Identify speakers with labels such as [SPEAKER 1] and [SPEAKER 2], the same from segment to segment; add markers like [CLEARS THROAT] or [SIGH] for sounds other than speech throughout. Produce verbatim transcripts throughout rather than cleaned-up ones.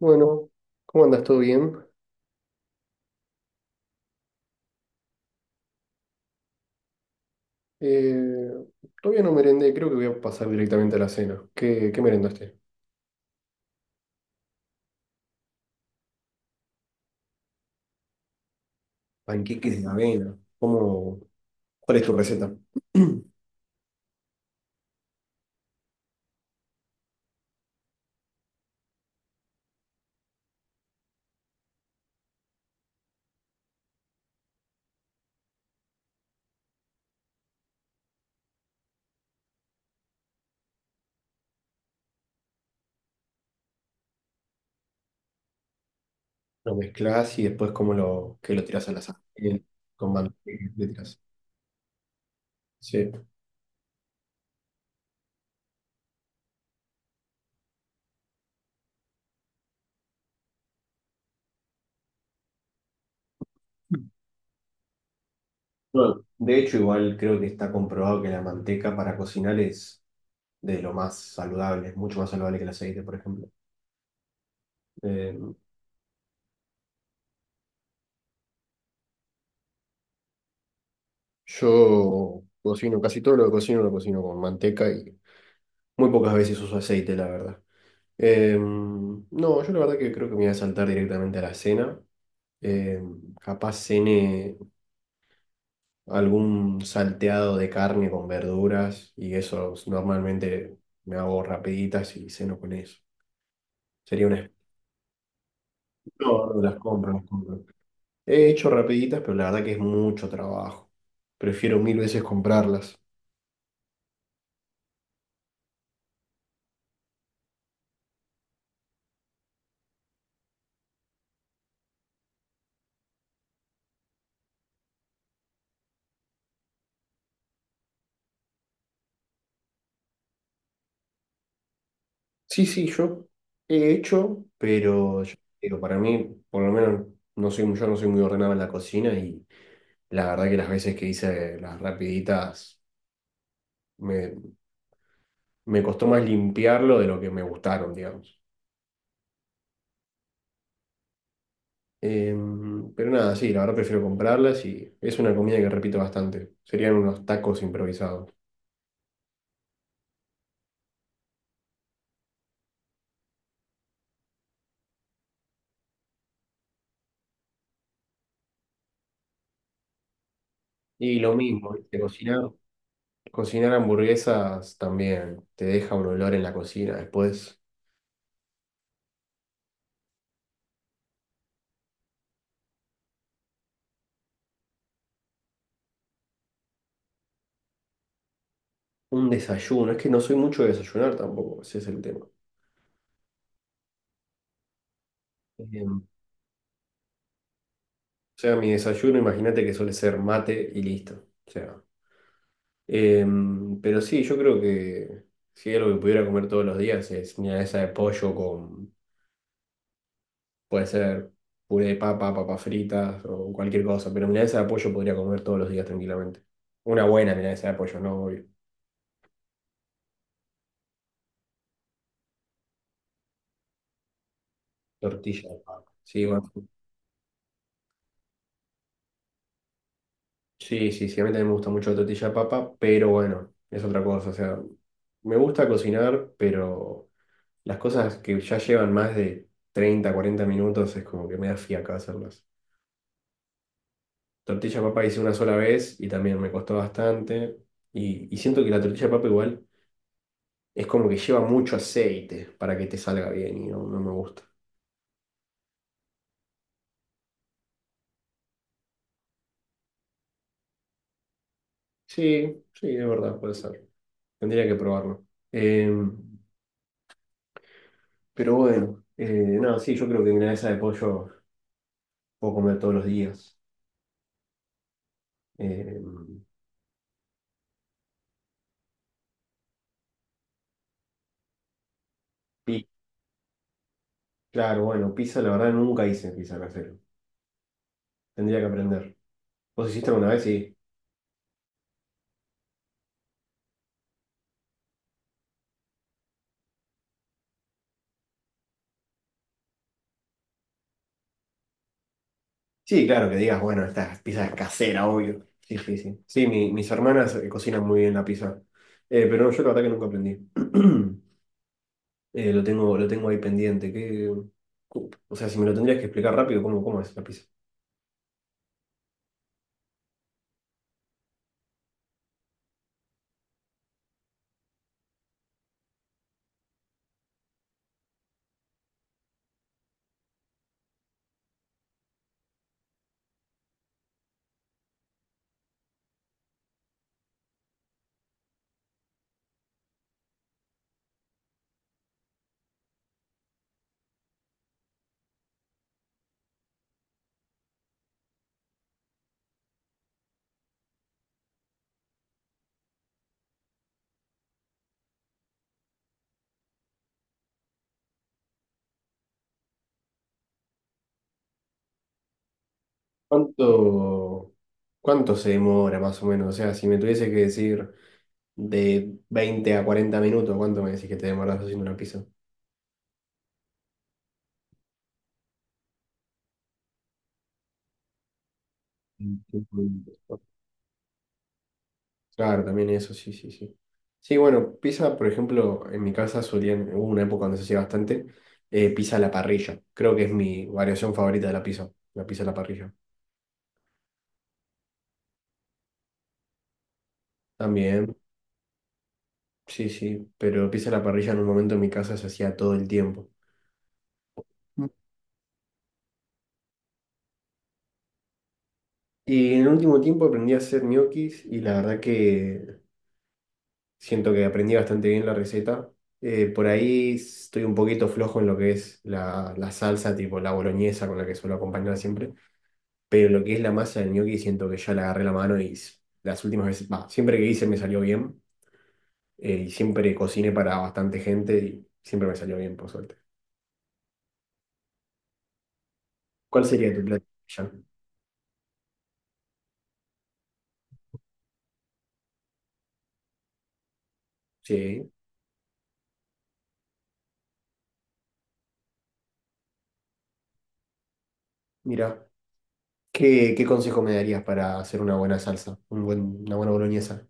[SPEAKER 1] Bueno, ¿cómo andas? ¿Todo bien? Eh, Todavía no merendé, creo que voy a pasar directamente a la cena. ¿Qué, qué merendaste? Panqueques de avena. ¿Cómo? ¿Cuál es tu receta? [CLEARS THROAT] Lo mezclas y después cómo lo, que lo tiras a la sartén con manteca, le tirás. Sí. Bueno, de hecho, igual creo que está comprobado que la manteca para cocinar es de lo más saludable, es mucho más saludable que el aceite, por ejemplo. Eh, yo cocino, casi todo lo que cocino lo cocino con manteca y muy pocas veces uso aceite, la verdad. Em, no, yo la verdad que creo que me voy a saltar directamente a la cena. Em, capaz cene algún salteado de carne con verduras y eso normalmente me hago rapiditas y ceno con eso. Sería una... No, no las compro, las compro. He hecho rapiditas, pero la verdad que es mucho trabajo. Prefiero mil veces comprarlas. Sí, sí, yo he hecho, pero yo digo, para mí, por lo menos, no soy, yo no soy muy ordenado en la cocina y la verdad que las veces que hice las rapiditas me, me costó más limpiarlo de lo que me gustaron, digamos. Em, pero nada, sí, la verdad prefiero comprarlas y es una comida que repito bastante. Serían unos tacos improvisados. Y lo mismo, ¿viste? Cocinar, cocinar hamburguesas también te deja un olor en la cocina. Después, un desayuno. Es que no soy mucho de desayunar tampoco, ese es el tema. Em, o sea, mi desayuno, imagínate que suele ser mate y listo. O sea, Em, pero sí, yo creo que si hay algo que pudiera comer todos los días es milanesa de pollo con, puede ser puré de papa, papas fritas o cualquier cosa, pero milanesa de pollo podría comer todos los días tranquilamente. Una buena milanesa de pollo, no obvio. Tortilla de papa. Sí, bueno, sí, sí, sí, a mí también me gusta mucho la tortilla de papa, pero bueno, es otra cosa, o sea, me gusta cocinar, pero las cosas que ya llevan más de treinta cuarenta minutos es como que me da fiaca hacerlas. Tortilla de papa hice una sola vez y también me costó bastante. Y, y siento que la tortilla de papa igual es como que lleva mucho aceite para que te salga bien y no, no me gusta. Sí, sí, es verdad, puede ser. Tendría que probarlo. Eh, pero bueno, eh, no, sí, yo creo que milanesa de pollo puedo comer todos los días. Eh, pi- claro, bueno, pizza la verdad nunca hice pizza casero. Tendría que aprender. ¿Vos hiciste alguna vez? Sí. Sí, claro, que digas, bueno, esta pizza es casera, obvio. Sí, sí, sí. Sí, mi- mis hermanas eh, cocinan muy bien la pizza. Eh, pero no, yo la verdad que nunca aprendí. [CLEARS THROAT] Eh, lo tengo, lo tengo ahí pendiente. ¿Qué- cu- O sea, si me lo tendrías que explicar rápido, ¿cómo, cómo es la pizza? ¿Cuánto, cuánto se demora más o menos? O sea, si me tuviese que decir de veinte a cuarenta minutos, ¿cuánto me decís que te demoras haciendo una pizza? Mm, Claro, también eso, sí, sí, sí. Sí, bueno, pizza, por ejemplo, en mi casa solían, hubo una época donde se hacía bastante, eh, pizza a la parrilla. Creo que es mi variación favorita de la pizza, la pizza a la parrilla. También, sí, sí, pero pizza a la parrilla en un momento en mi casa se hacía todo el tiempo. Mm. Y en el último tiempo aprendí a hacer ñoquis y la verdad que siento que aprendí bastante bien la receta. Eh, por ahí estoy un poquito flojo en lo que es la, la salsa, tipo la boloñesa con la que suelo acompañar siempre. Pero lo que es la masa del gnocchi siento que ya le agarré la mano y s- las últimas veces, bah, siempre que hice me salió bien eh, y siempre cociné para bastante gente y siempre me salió bien, por suerte. ¿Cuál sería tu plato? Ya. Sí, mira, ¿qué, qué consejo me darías para hacer una buena salsa? Un buen, una buena boloñesa.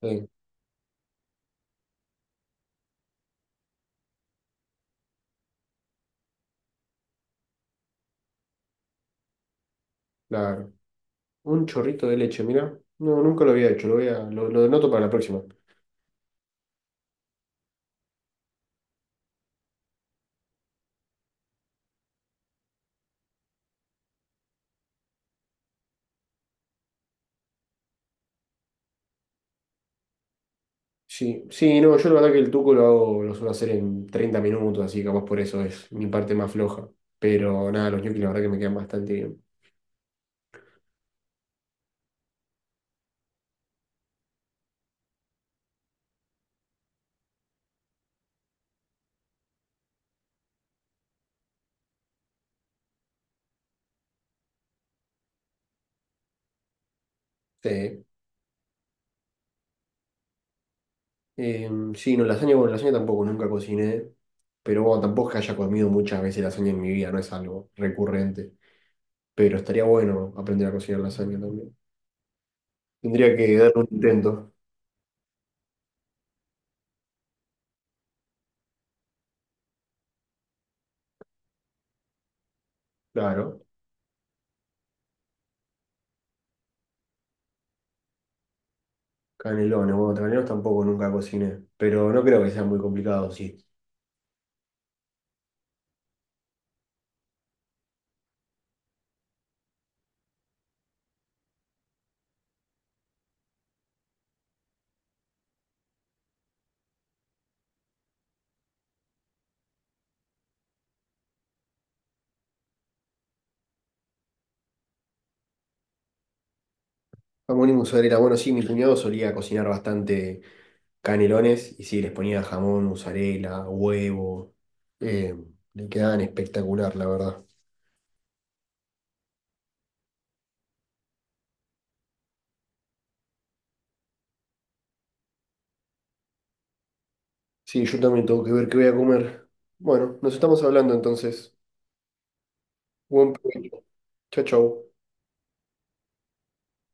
[SPEAKER 1] Sí, claro. Un chorrito de leche, mira. No, nunca lo había hecho, lo voy a, lo, lo noto para la próxima. Sí, sí, no, yo la verdad que el tuco lo hago, lo suelo hacer en treinta minutos, así que capaz por eso es mi parte más floja. Pero nada, los ñoquis la verdad que me quedan bastante bien. Sí, Eh, sí, no, lasaña, bueno, lasaña tampoco nunca cociné, pero bueno, tampoco es que haya comido muchas veces lasaña en mi vida, no es algo recurrente. Pero estaría bueno aprender a cocinar lasaña también. Tendría que darle un intento, claro. Canelones, bueno, canelones tampoco nunca cociné, pero no creo que sea muy complicado, sí. Jamón y mozzarella. Bueno, sí, mi cuñado solía cocinar bastante canelones y sí, les ponía jamón, mozzarella, huevo. eh, Le quedaban espectacular, la verdad. Sí, yo también tengo que ver qué voy a comer. Bueno, nos estamos hablando entonces. Buen provecho. Chau, chau.